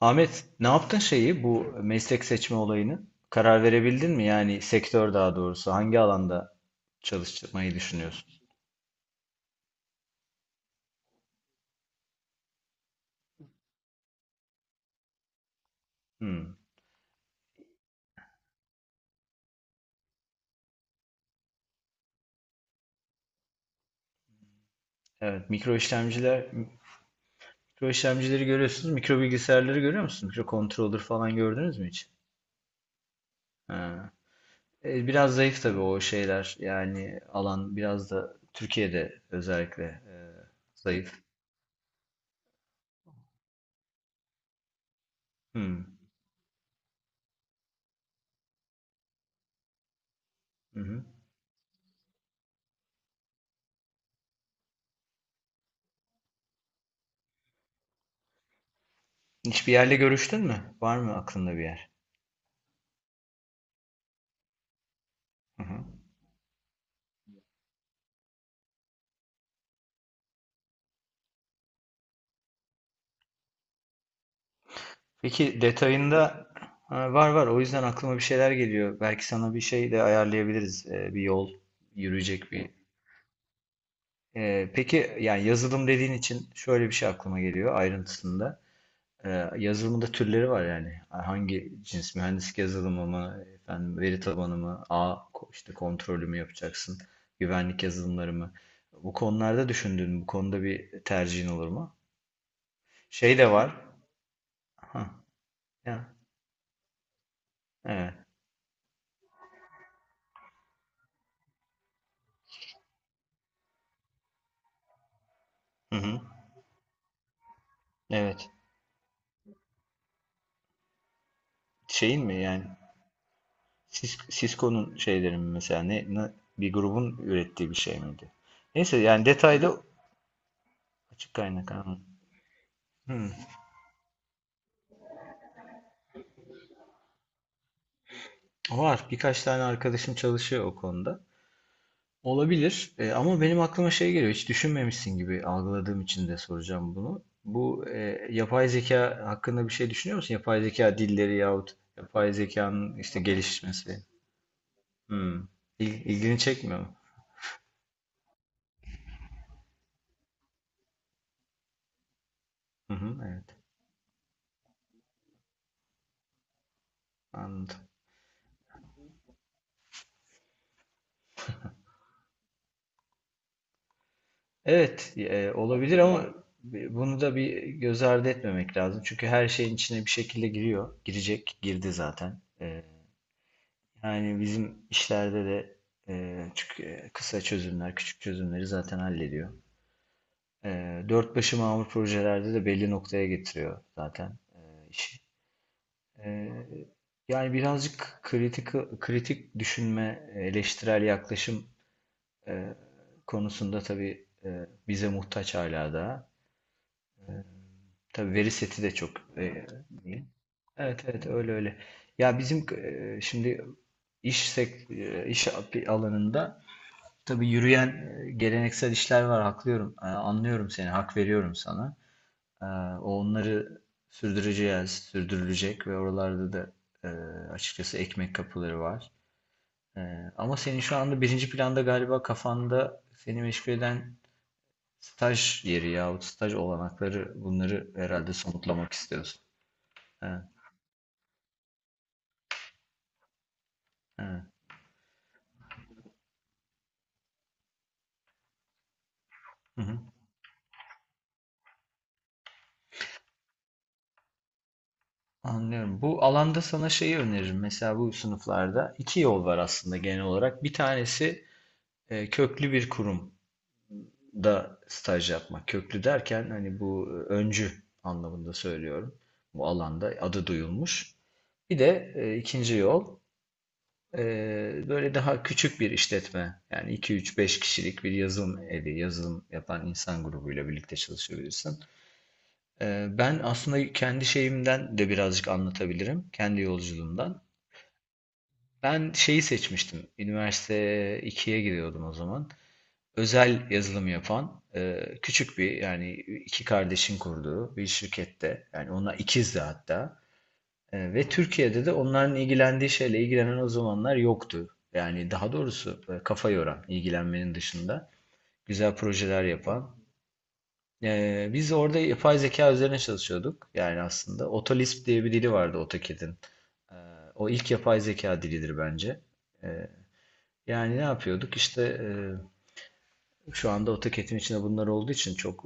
Ahmet, ne yaptın şeyi bu meslek seçme olayını? Karar verebildin mi? Yani sektör daha doğrusu hangi alanda çalışmayı düşünüyorsun? Hmm. Evet, mikro işlemcileri görüyorsunuz, mikro bilgisayarları görüyor musunuz? Mikro controller falan gördünüz mü hiç? Ha. Biraz zayıf tabii o şeyler. Yani alan biraz da Türkiye'de özellikle zayıf. Hmm. Hı hı. Hiçbir yerle görüştün mü? Var mı aklında bir yer? Peki detayında. Ha, var var, o yüzden aklıma bir şeyler geliyor. Belki sana bir şey de ayarlayabiliriz. Bir yol yürüyecek bir. Peki, yani yazılım dediğin için şöyle bir şey aklıma geliyor ayrıntısında. Yazılımda türleri var yani. Hangi cins mühendislik yazılımı mı, efendim veri tabanı mı, ağ işte kontrolü mü yapacaksın, güvenlik yazılımları mı? Bu konularda düşündüğün Bu konuda bir tercihin olur mu? Şey de var. Ha, ya, evet. Hı hı. Evet. Şeyin mi yani Cisco'nun şeyleri mi, mesela bir grubun ürettiği bir şey miydi? Neyse, yani detaylı. Açık kaynak, anladım. Hmm. Var, birkaç tane arkadaşım çalışıyor o konuda. Olabilir. Ama benim aklıma şey geliyor, hiç düşünmemişsin gibi algıladığım için de soracağım bunu. Bu yapay zeka hakkında bir şey düşünüyor musun? Yapay zeka dilleri yahut yapay zekanın işte gelişmesi. Hmm. İlgini çekmiyor mu? Hı hı, evet, anladım. Evet, olabilir ama bunu da bir göz ardı etmemek lazım. Çünkü her şeyin içine bir şekilde giriyor. Girecek, girdi zaten. Yani bizim işlerde de, çünkü kısa çözümler, küçük çözümleri zaten hallediyor. E, Dört başı mamur projelerde de belli noktaya getiriyor zaten işi. E, Yani birazcık kritik düşünme, eleştirel yaklaşım e, konusunda tabii bize muhtaç hala da. Tabii veri seti de çok e, iyi. Evet evet, öyle öyle. Ya bizim şimdi iş alanında tabii yürüyen geleneksel işler var, haklıyorum. Anlıyorum seni, hak veriyorum sana. E, o onları sürdüreceğiz, sürdürülecek ve oralarda da e, açıkçası ekmek kapıları var. E, Ama senin şu anda birinci planda galiba kafanda seni meşgul eden staj yeri yahut staj olanakları, bunları herhalde somutlamak istiyorsun. Evet. Evet. Hı hı. Anlıyorum. Bu alanda sana şeyi öneririm. Mesela bu sınıflarda iki yol var aslında genel olarak. Bir tanesi köklü bir kurumda staj yapmak. Köklü derken hani bu öncü anlamında söylüyorum. Bu alanda adı duyulmuş. Bir de ikinci yol, e, böyle daha küçük bir işletme. Yani iki üç beş kişilik bir yazılım evi, yazılım yapan insan grubuyla birlikte çalışabilirsin. Ben aslında kendi şeyimden de birazcık anlatabilirim. Kendi yolculuğumdan. Ben şeyi seçmiştim. Üniversite 2'ye gidiyordum o zaman. Özel yazılım yapan küçük bir, yani iki kardeşin kurduğu bir şirkette. Yani ona ikizdi hatta. Ve Türkiye'de de onların ilgilendiği şeyle ilgilenen o zamanlar yoktu. Yani daha doğrusu kafa yoran, ilgilenmenin dışında güzel projeler yapan. Biz orada yapay zeka üzerine çalışıyorduk. Yani aslında Otolisp diye bir dili vardı AutoCAD'in. Ee, O ilk yapay zeka dilidir bence. Ee, Yani ne yapıyorduk? İşte şu anda o teketin içinde bunlar olduğu için çok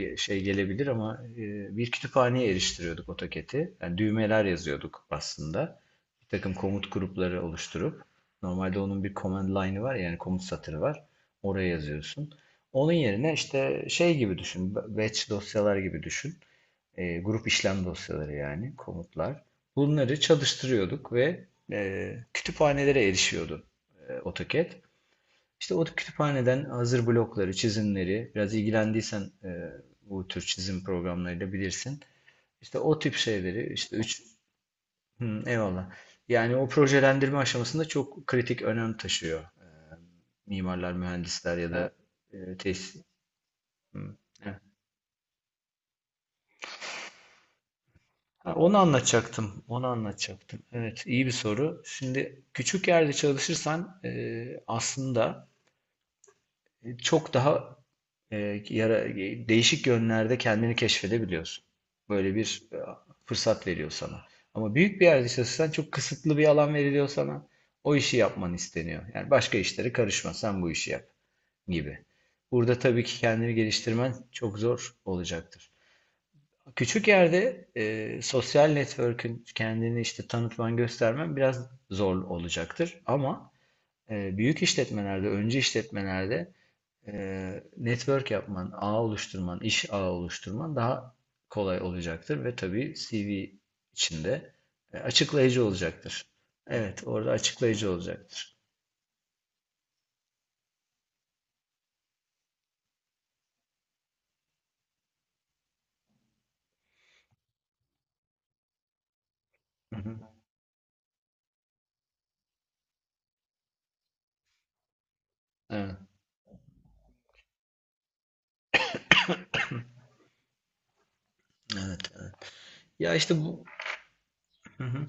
şey gelebilir ama bir kütüphaneye eriştiriyorduk AutoCAD'i. Yani düğmeler yazıyorduk aslında. Bir takım komut grupları oluşturup, normalde onun bir command line'ı var ya, yani komut satırı var. Oraya yazıyorsun. Onun yerine işte şey gibi düşün. Batch dosyalar gibi düşün. Grup işlem dosyaları, yani komutlar. Bunları çalıştırıyorduk ve kütüphanelere erişiyordu AutoCAD. İşte o kütüphaneden hazır blokları, çizimleri, biraz ilgilendiysen bu tür çizim programlarıyla bilirsin. İşte o tip şeyleri, işte üç. Hı, eyvallah. Yani o projelendirme aşamasında çok kritik önem taşıyor. Mimarlar, mühendisler ya da tesis. Hı, evet. Ha, onu anlatacaktım, onu anlatacaktım. Evet, iyi bir soru. Şimdi küçük yerde çalışırsan aslında çok daha değişik yönlerde kendini keşfedebiliyorsun. Böyle bir fırsat veriyor sana. Ama büyük bir yerde çalışırsan çok kısıtlı bir alan veriliyor sana. O işi yapman isteniyor. Yani başka işlere karışma, sen bu işi yap gibi. Burada tabii ki kendini geliştirmen çok zor olacaktır. Küçük yerde sosyal network'ün, kendini işte tanıtman, göstermen biraz zor olacaktır. Ama büyük işletmelerde, öncü işletmelerde network yapman, ağ oluşturman, iş ağı oluşturman daha kolay olacaktır ve tabii CV içinde açıklayıcı olacaktır. Evet, orada açıklayıcı olacaktır. Hı hı. Evet, evet, evet. Ya işte bu, hı hı.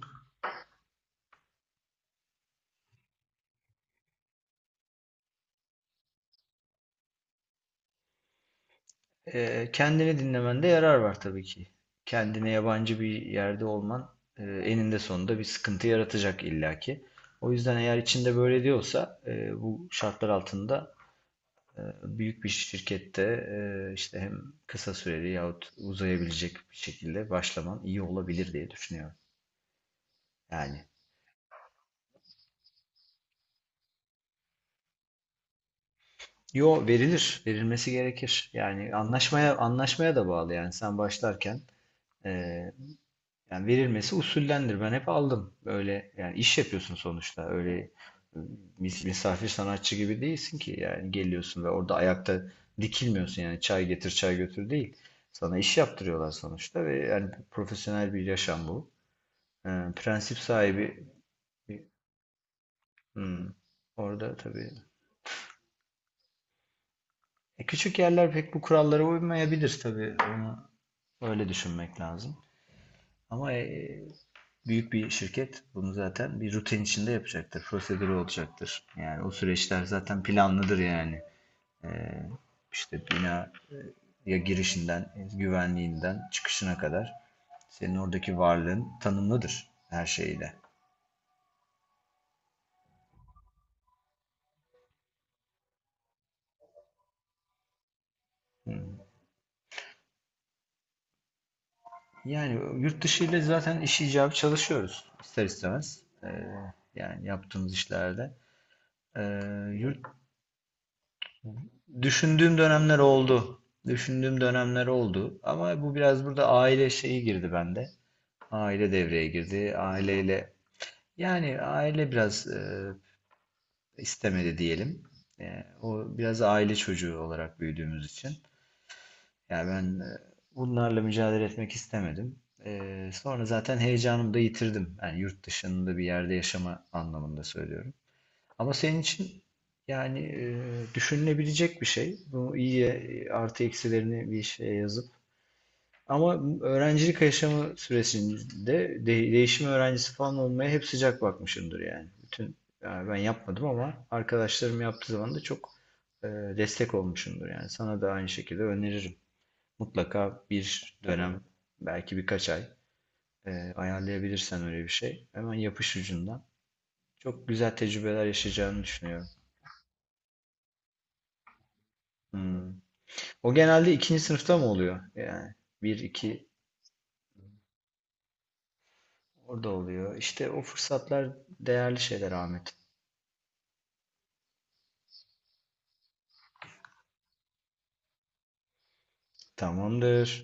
Kendini dinlemende yarar var tabii ki. Kendine yabancı bir yerde olman eninde sonunda bir sıkıntı yaratacak illaki. O yüzden eğer içinde böyle diyorsa, bu şartlar altında, büyük bir şirkette işte hem kısa süreli yahut uzayabilecek bir şekilde başlaman iyi olabilir diye düşünüyorum. Yani, yo, verilir, verilmesi gerekir. Yani anlaşmaya, da bağlı, yani sen başlarken e, yani verilmesi usullendir. Ben hep aldım. Öyle, yani iş yapıyorsun sonuçta. Öyle e, misafir sanatçı gibi değilsin ki, yani geliyorsun ve orada ayakta dikilmiyorsun, yani çay getir çay götür değil. Sana iş yaptırıyorlar sonuçta ve yani profesyonel bir yaşam bu. Prensip sahibi. hmm, Orada tabii. Küçük yerler pek bu kurallara uymayabilir tabii. Onu öyle düşünmek lazım. Ama büyük bir şirket bunu zaten bir rutin içinde yapacaktır. Prosedürü olacaktır. Yani o süreçler zaten planlıdır yani. Ee, işte bina, ya girişinden, güvenliğinden çıkışına kadar senin oradaki varlığın tanımlıdır her şeyle. Hı. Yani yurt dışı ile zaten iş icabı çalışıyoruz, ister istemez. Yani yaptığımız işlerde. Ee, yurt, Düşündüğüm dönemler oldu. Düşündüğüm dönemler oldu. Ama bu biraz burada aile şeyi girdi bende. Aile devreye girdi. Aile biraz istemedi diyelim. O biraz aile çocuğu olarak büyüdüğümüz için. Yani ben bunlarla mücadele etmek istemedim. Sonra zaten heyecanımı da yitirdim. Yani yurt dışında bir yerde yaşama anlamında söylüyorum. Ama senin için yani düşünülebilecek bir şey. Bu iyi, artı eksilerini bir şeye yazıp. Ama öğrencilik yaşamı süresinde de, değişim öğrencisi falan olmaya hep sıcak bakmışımdır yani. Yani ben yapmadım ama arkadaşlarım yaptığı zaman da çok destek olmuşumdur yani. Sana da aynı şekilde öneririm. Mutlaka bir dönem, belki birkaç ay ayarlayabilirsen öyle bir şey. Hemen yapış ucundan. Çok güzel tecrübeler yaşayacağını düşünüyorum. Hmm. O genelde ikinci sınıfta mı oluyor? Yani bir, iki orada oluyor. İşte o fırsatlar değerli şeyler, Ahmet. Tamamdır.